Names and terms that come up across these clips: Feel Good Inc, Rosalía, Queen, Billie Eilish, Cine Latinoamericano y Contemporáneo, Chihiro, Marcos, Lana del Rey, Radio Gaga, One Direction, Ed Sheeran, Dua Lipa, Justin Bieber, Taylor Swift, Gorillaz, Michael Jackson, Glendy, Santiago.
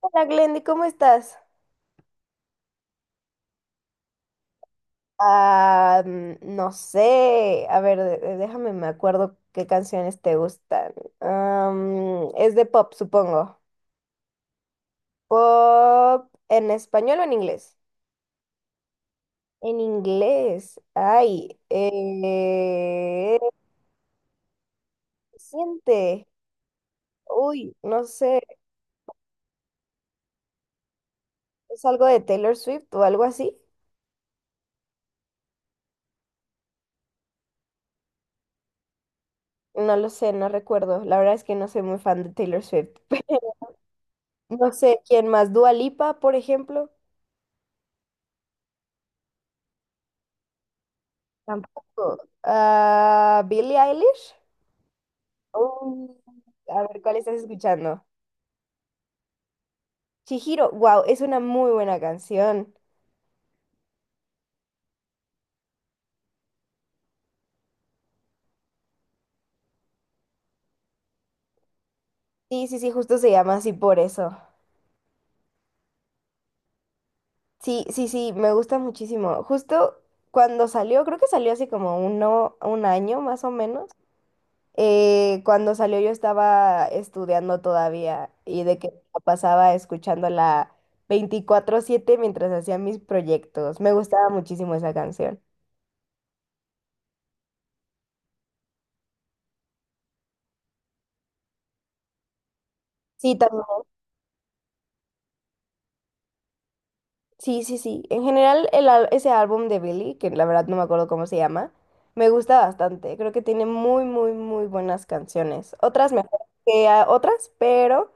Hola Glendy, ¿cómo estás? Ah, no sé, a ver, déjame, me acuerdo qué canciones te gustan. Es de pop, supongo. ¿Pop en español o en inglés? En inglés. Ay, siente. Uy, no sé, ¿es algo de Taylor Swift o algo así? No lo sé, no recuerdo. La verdad es que no soy muy fan de Taylor Swift. No sé quién más, Dua Lipa, por ejemplo. Tampoco. Ah, Billie Eilish. Uh, a ver, ¿cuál estás escuchando? Chihiro, wow, es una muy buena canción. Sí, sí, sí, justo se llama así por eso. Sí, sí, sí, me gusta muchísimo. Justo cuando salió, creo que salió hace como un año más o menos. Cuando salió yo estaba estudiando todavía y de que la pasaba escuchándola 24/7 mientras hacía mis proyectos. Me gustaba muchísimo esa canción. Sí, también. Sí, sí, sí. En general, ese álbum de Billy, que la verdad no me acuerdo cómo se llama, me gusta bastante. Creo que tiene muy, muy, muy buenas canciones. Otras mejores que otras, pero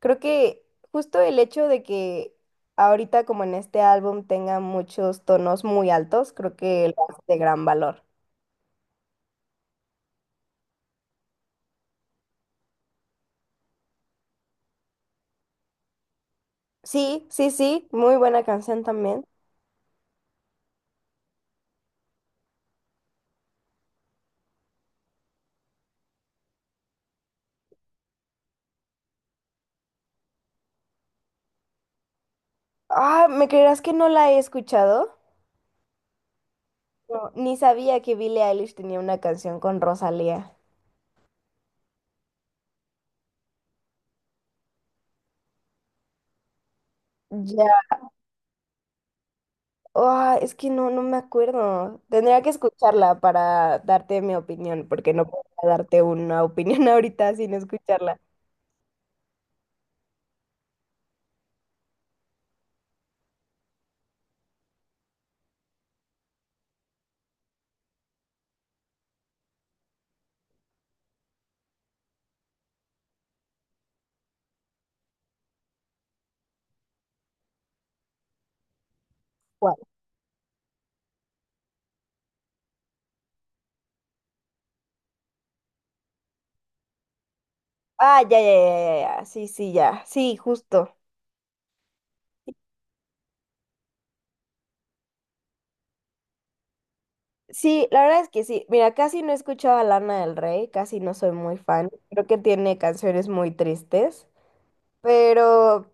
creo que justo el hecho de que ahorita, como en este álbum, tenga muchos tonos muy altos, creo que lo hace de gran valor. Sí, sí, sí. Muy buena canción también. Ah, ¿me creerás que no la he escuchado? No, ni sabía que Billie Eilish tenía una canción con Rosalía. Ah, es que no me acuerdo. Tendría que escucharla para darte mi opinión, porque no puedo darte una opinión ahorita sin escucharla. ¿Cuál? Ah, ya, ya, ya, ya, ya. Sí, sí, ya. Sí, justo. Sí, la verdad es que sí. Mira, casi no he escuchado a Lana del Rey, casi no soy muy fan. Creo que tiene canciones muy tristes, pero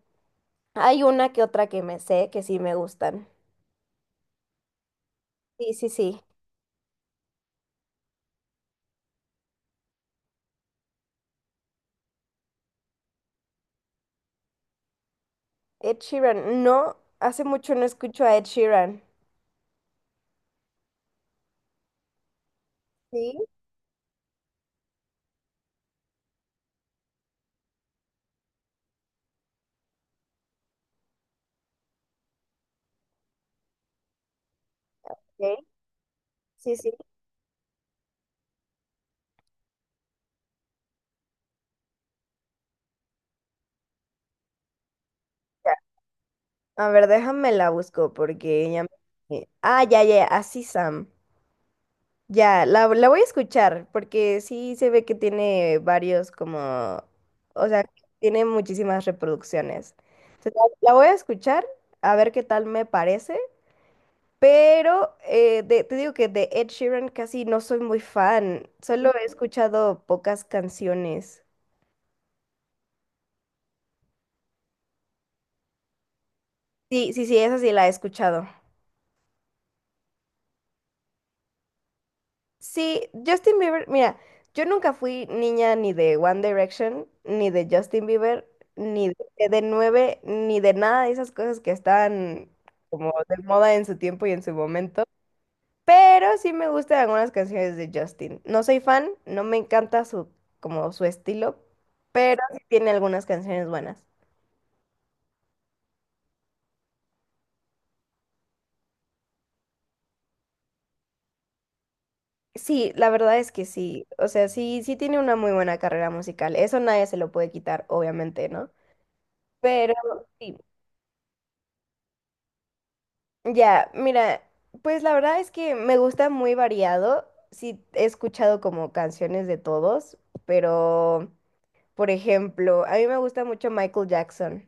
hay una que otra que me sé que sí me gustan. Sí, sí, sí. Ed Sheeran. No, hace mucho no escucho a Ed Sheeran. Sí, ok. Sí, sí. A ver, déjame la busco porque ya me. Ah, ya, ya, así Sam. Ya, la voy a escuchar porque sí se ve que tiene varios como. O sea, tiene muchísimas reproducciones. Entonces, la voy a escuchar a ver qué tal me parece. Pero te digo que de Ed Sheeran casi no soy muy fan. Solo he escuchado pocas canciones. Sí, sí, sí, esa sí la he escuchado. Sí, Justin Bieber, mira, yo nunca fui niña ni de One Direction, ni de Justin Bieber, ni de nueve, ni de nada de esas cosas que estaban como de moda en su tiempo y en su momento. Pero sí me gustan algunas canciones de Justin. No soy fan, no me encanta como su estilo, pero sí tiene algunas canciones buenas. Sí, la verdad es que sí. O sea, sí tiene una muy buena carrera musical. Eso nadie se lo puede quitar, obviamente, ¿no? Pero sí. Ya, mira, pues la verdad es que me gusta muy variado. Sí, he escuchado como canciones de todos, pero, por ejemplo, a mí me gusta mucho Michael Jackson.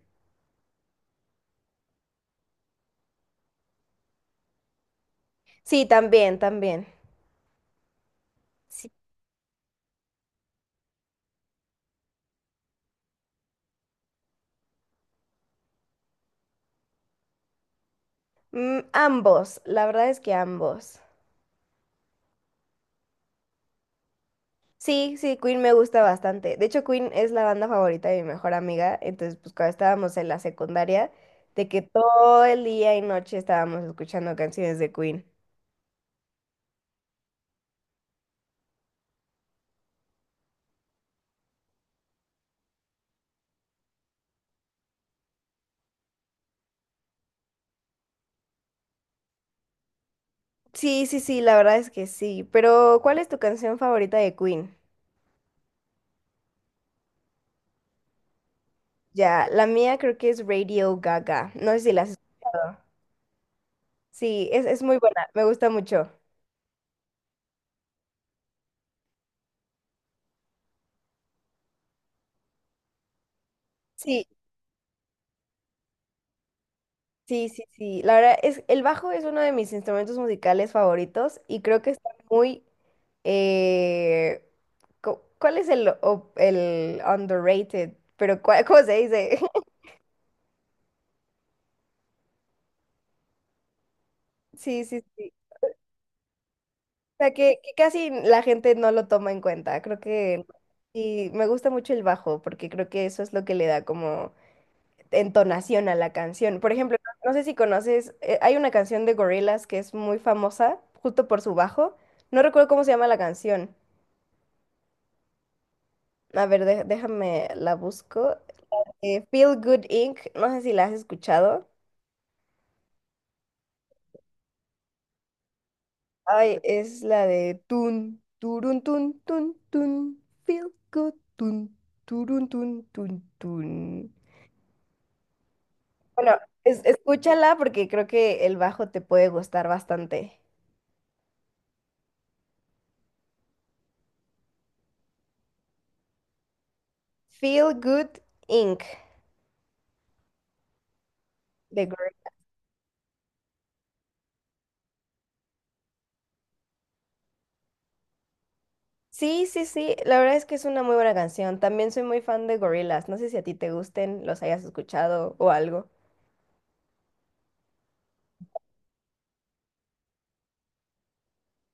Sí, también, también. Sí. Ambos, la verdad es que ambos. Sí, sí, Queen me gusta bastante. De hecho, Queen es la banda favorita de mi mejor amiga. Entonces, pues cuando estábamos en la secundaria, de que todo el día y noche estábamos escuchando canciones de Queen. Sí, sí, sí, la verdad es que sí. Pero, ¿cuál es tu canción favorita de Queen? Ya, la mía creo que es Radio Gaga. No sé si la has escuchado. Sí, es muy buena, me gusta mucho. Sí, sí, sí, sí. La verdad es, el bajo es uno de mis instrumentos musicales favoritos y creo que está muy. eh, ¿Cuál es el underrated? Pero, ¿cómo se dice? Sí, sí, sí. Sea, que casi la gente no lo toma en cuenta. Creo que sí, me gusta mucho el bajo porque creo que eso es lo que le da como entonación a la canción. Por ejemplo, no sé si conoces, hay una canción de Gorillaz que es muy famosa justo por su bajo. No recuerdo cómo se llama la canción. A ver, déjame la busco. Feel Good Inc. No sé si la has escuchado. Ay, es la de tun, turun, tun, tun, tun, feel good, tun, turun, tun, tun, tun. Bueno, escúchala porque creo que el bajo te puede gustar bastante. Feel Good Inc. de Gorillaz. Sí, sí, sí, la verdad es que es una muy buena canción. También soy muy fan de Gorillaz. No sé si a ti te gusten, los hayas escuchado o algo.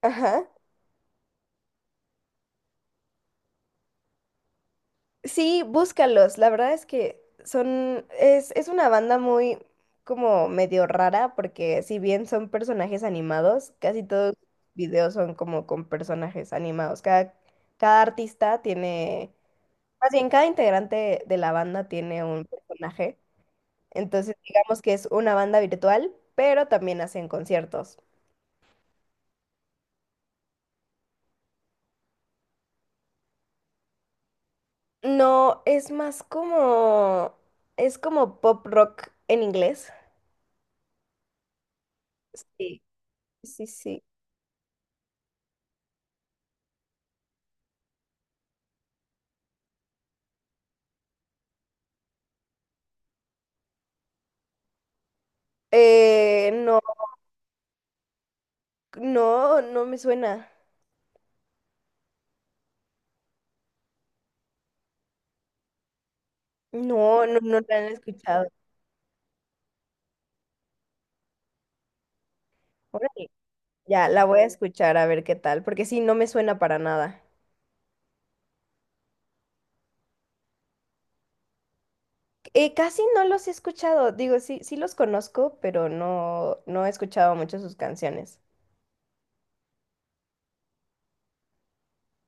Ajá. Sí, búscalos. La verdad es que es una banda muy como medio rara porque si bien son personajes animados, casi todos los videos son como con personajes animados. Cada, cada artista tiene Más bien, cada integrante de la banda tiene un personaje, entonces digamos que es una banda virtual, pero también hacen conciertos. No, es más es como pop rock en inglés. Sí, sí, sí. No, no, no me suena. No, no, no la han escuchado. Órale. Ya, la voy a escuchar a ver qué tal, porque sí, no me suena para nada. Casi no los he escuchado, digo, sí los conozco, pero no he escuchado mucho sus canciones.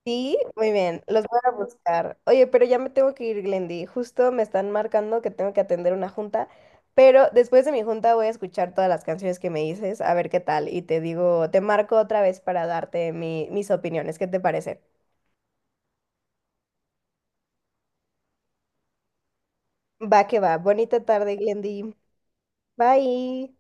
Sí, muy bien, los voy a buscar. Oye, pero ya me tengo que ir, Glendy. Justo me están marcando que tengo que atender una junta, pero después de mi junta voy a escuchar todas las canciones que me dices, a ver qué tal. Y te digo, te marco otra vez para darte mis opiniones. ¿Qué te parece? Va que va. Bonita tarde, Glendy. Bye.